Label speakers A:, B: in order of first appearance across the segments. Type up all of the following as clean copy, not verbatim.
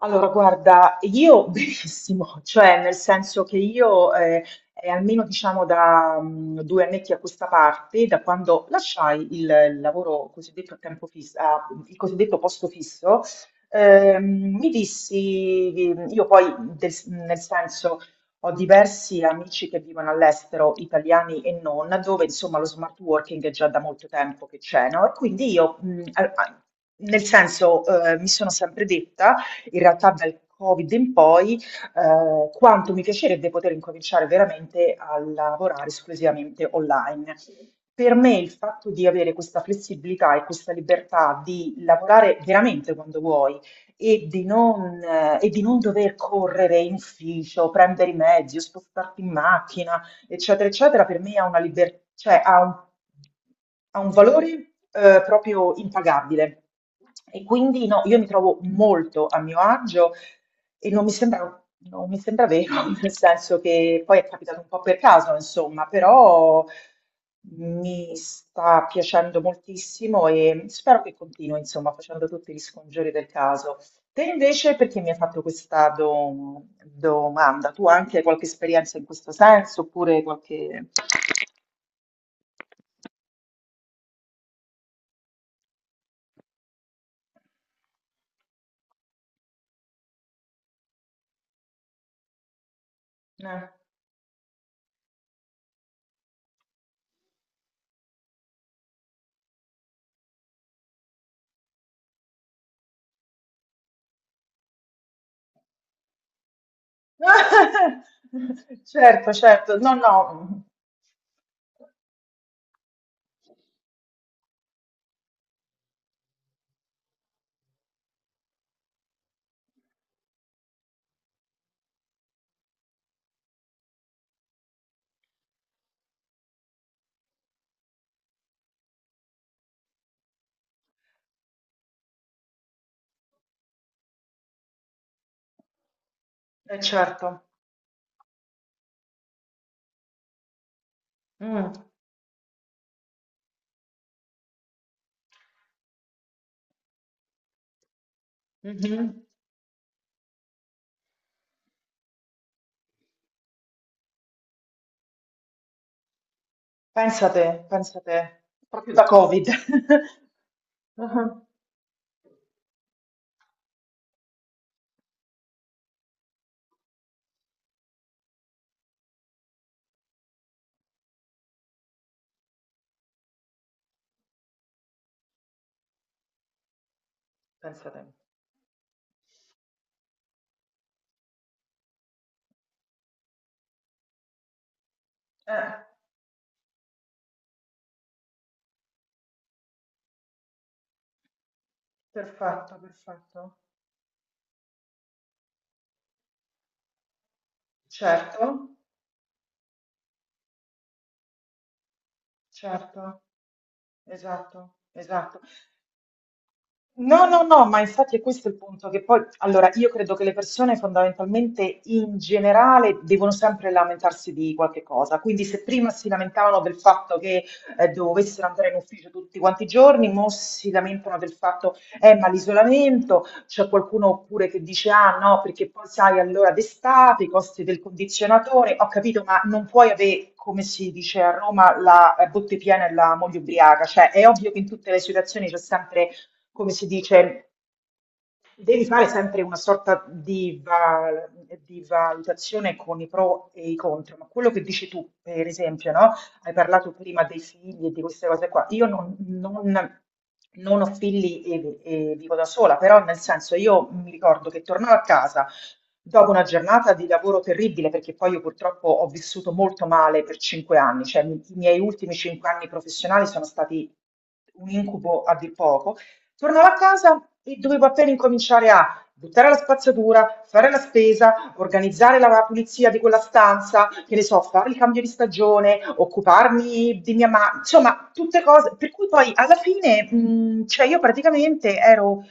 A: Allora, guarda, io benissimo, cioè nel senso che io è almeno diciamo da 2 annetti a questa parte, da quando lasciai il lavoro cosiddetto a tempo fisso, il cosiddetto posto fisso, mi dissi, io poi nel senso ho diversi amici che vivono all'estero, italiani e non, dove insomma lo smart working è già da molto tempo che c'è, no? E quindi io, nel senso, mi sono sempre detta in realtà dal Covid in poi, quanto mi piacerebbe poter incominciare veramente a lavorare esclusivamente online. Per me il fatto di avere questa flessibilità e questa libertà di lavorare veramente quando vuoi e di non dover correre in ufficio, prendere i mezzi, o spostarti in macchina, eccetera, eccetera, per me cioè ha un valore, proprio impagabile. E quindi no, io mi trovo molto a mio agio e non mi sembra vero, nel senso che poi è capitato un po' per caso, insomma, però mi sta piacendo moltissimo e spero che continui, insomma, facendo tutti gli scongiuri del caso. Te invece, perché mi hai fatto questa domanda? Tu anche hai qualche esperienza in questo senso, oppure qualche? Eh. Certo, certo, no, no, certo. Mm. Mhm. Pensa te, proprio da Covid. Ah, pensa te. Eh, perfetto, perfetto. Certo, certo, esatto, esatto. No, no, no, ma infatti è questo, è il punto, che poi, allora, io credo che le persone fondamentalmente in generale devono sempre lamentarsi di qualche cosa, quindi se prima si lamentavano del fatto che dovessero andare in ufficio tutti quanti i giorni, mo si lamentano del fatto, ma l'isolamento, c'è qualcuno oppure che dice, ah no, perché poi sai, allora d'estate, i costi del condizionatore, ho capito, ma non puoi avere, come si dice a Roma, la botte piena e la moglie ubriaca, cioè è ovvio che in tutte le situazioni c'è sempre, come si dice, devi fare sempre una sorta di, di valutazione con i pro e i contro, ma quello che dici tu, per esempio, no? Hai parlato prima dei figli e di queste cose qua. Io non ho figli e, e vivo da sola, però nel senso io mi ricordo che tornavo a casa dopo una giornata di lavoro terribile, perché poi io purtroppo ho vissuto molto male per 5 anni, cioè i miei ultimi cinque anni professionali sono stati un incubo a dir poco. Tornavo a casa e dovevo appena incominciare a buttare la spazzatura, fare la spesa, organizzare la pulizia di quella stanza, che ne so, fare il cambio di stagione, occuparmi di mia mamma, insomma, tutte cose. Per cui poi alla fine, cioè io praticamente ero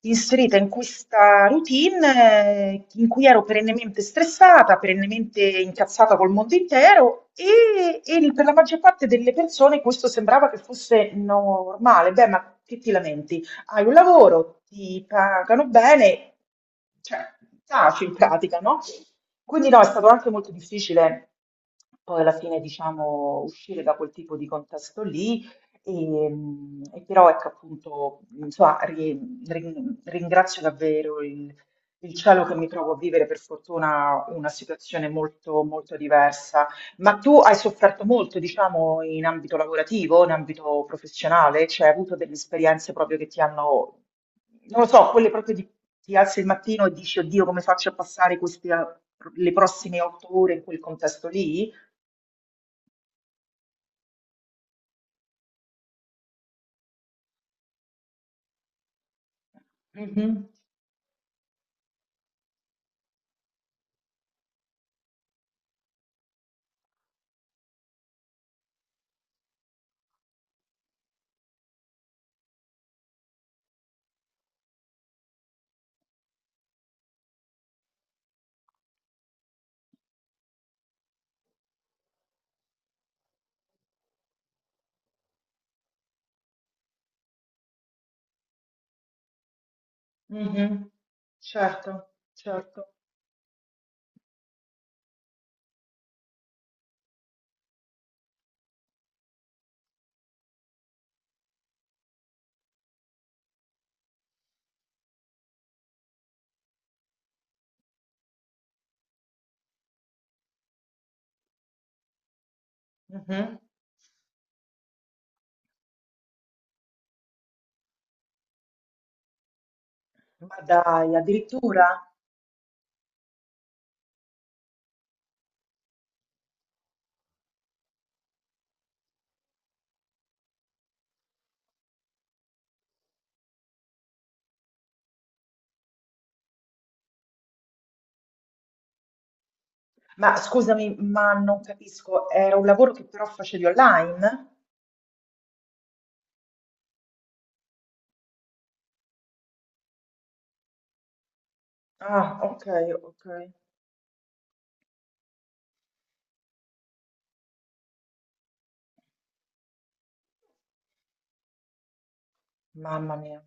A: inserita in questa routine in cui ero perennemente stressata, perennemente incazzata col mondo intero per la maggior parte delle persone questo sembrava che fosse normale. Beh, ma che ti lamenti? Hai un lavoro, ti pagano bene, cioè taci in pratica, no? Quindi no, è stato anche molto difficile poi alla fine, diciamo, uscire da quel tipo di contesto lì. E, e però ecco appunto, insomma, ringrazio davvero il cielo che mi trovo a vivere per fortuna una situazione molto, molto diversa, ma tu hai sofferto molto, diciamo, in ambito lavorativo, in ambito professionale? Cioè, hai avuto delle esperienze proprio che ti hanno, non lo so, quelle proprio di ti alzi il mattino e dici, oddio, come faccio a passare queste, le prossime 8 ore in quel contesto lì? Mhm, mhm. Certo, certo. Mhm. Ma dai, addirittura? Ma scusami, ma non capisco, era un lavoro che però facevi online? Ah, ok, ok. Mamma mia.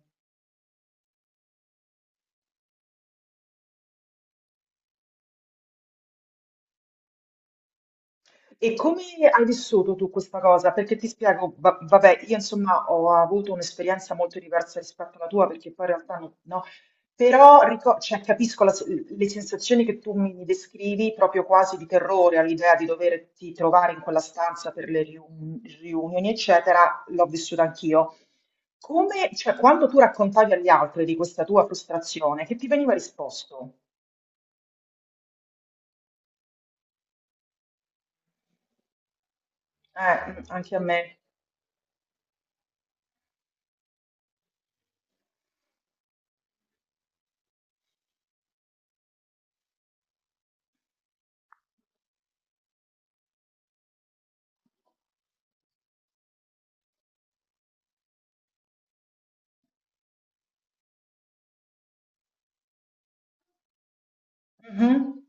A: E come hai vissuto tu questa cosa? Perché ti spiego, vabbè, io insomma ho avuto un'esperienza molto diversa rispetto alla tua, perché poi in realtà no, no. Però cioè, capisco la le sensazioni che tu mi descrivi, proprio quasi di terrore all'idea di doverti trovare in quella stanza per le riunioni, eccetera, l'ho vissuta anch'io. Come, cioè, quando tu raccontavi agli altri di questa tua frustrazione, che ti veniva risposto? Anche a me. Mhm,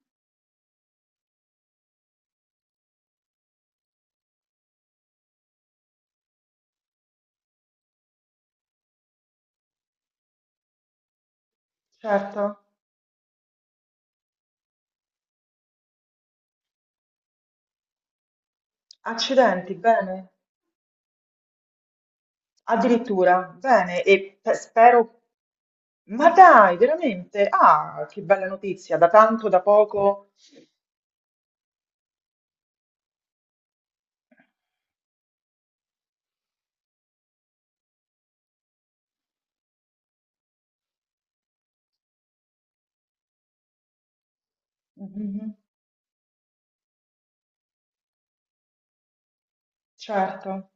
A: certo. Accidenti, bene? Addirittura, bene, e spero. Ma dai, veramente? Ah, che bella notizia, da tanto, da poco. Mhm, certo.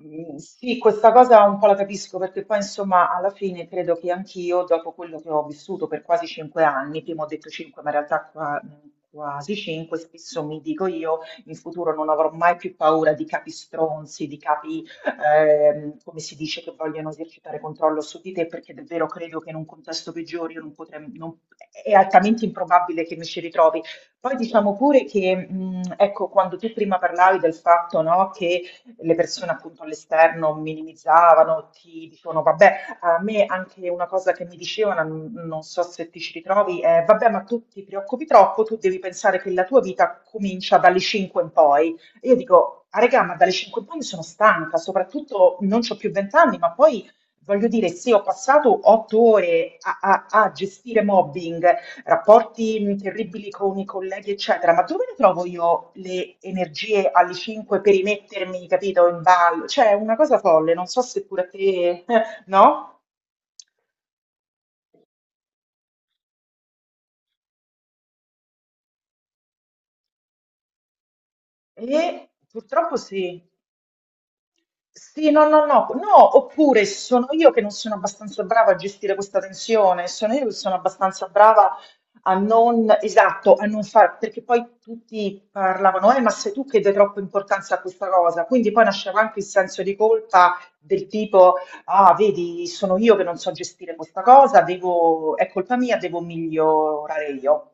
A: Mm, sì, questa cosa un po' la capisco perché poi insomma alla fine credo che anch'io, dopo quello che ho vissuto per quasi 5 anni, prima ho detto cinque, ma in realtà quasi cinque, spesso mi dico io, in futuro non avrò mai più paura di capi stronzi, di capi, come si dice, che vogliono esercitare controllo su di te, perché davvero credo che in un contesto peggiore io non potrei, è altamente improbabile che mi ci ritrovi. Poi diciamo pure che, ecco, quando tu prima parlavi del fatto, no, che le persone appunto all'esterno minimizzavano, ti dicevano vabbè, a me anche una cosa che mi dicevano, non so se ti ci ritrovi, è vabbè, ma tu ti preoccupi troppo, tu devi pensare che la tua vita comincia dalle 5 in poi. E io dico, ah regà, ma dalle 5 in poi mi sono stanca, soprattutto non ho più 20 anni, ma poi voglio dire, sì, ho passato 8 ore a, a gestire mobbing rapporti terribili con i colleghi, eccetera, ma dove ne trovo io le energie alle 5 per rimettermi, capito, in ballo? Cioè, è una cosa folle, non so se pure a te, no? E purtroppo sì. Sì, no, no, no, no, oppure sono io che non sono abbastanza brava a gestire questa tensione, sono io che sono abbastanza brava a non, esatto, a non far, perché poi tutti parlavano, ma sei tu che dai troppa importanza a questa cosa, quindi poi nasceva anche il senso di colpa del tipo, ah, vedi, sono io che non so gestire questa cosa, devo, è colpa mia, devo migliorare io.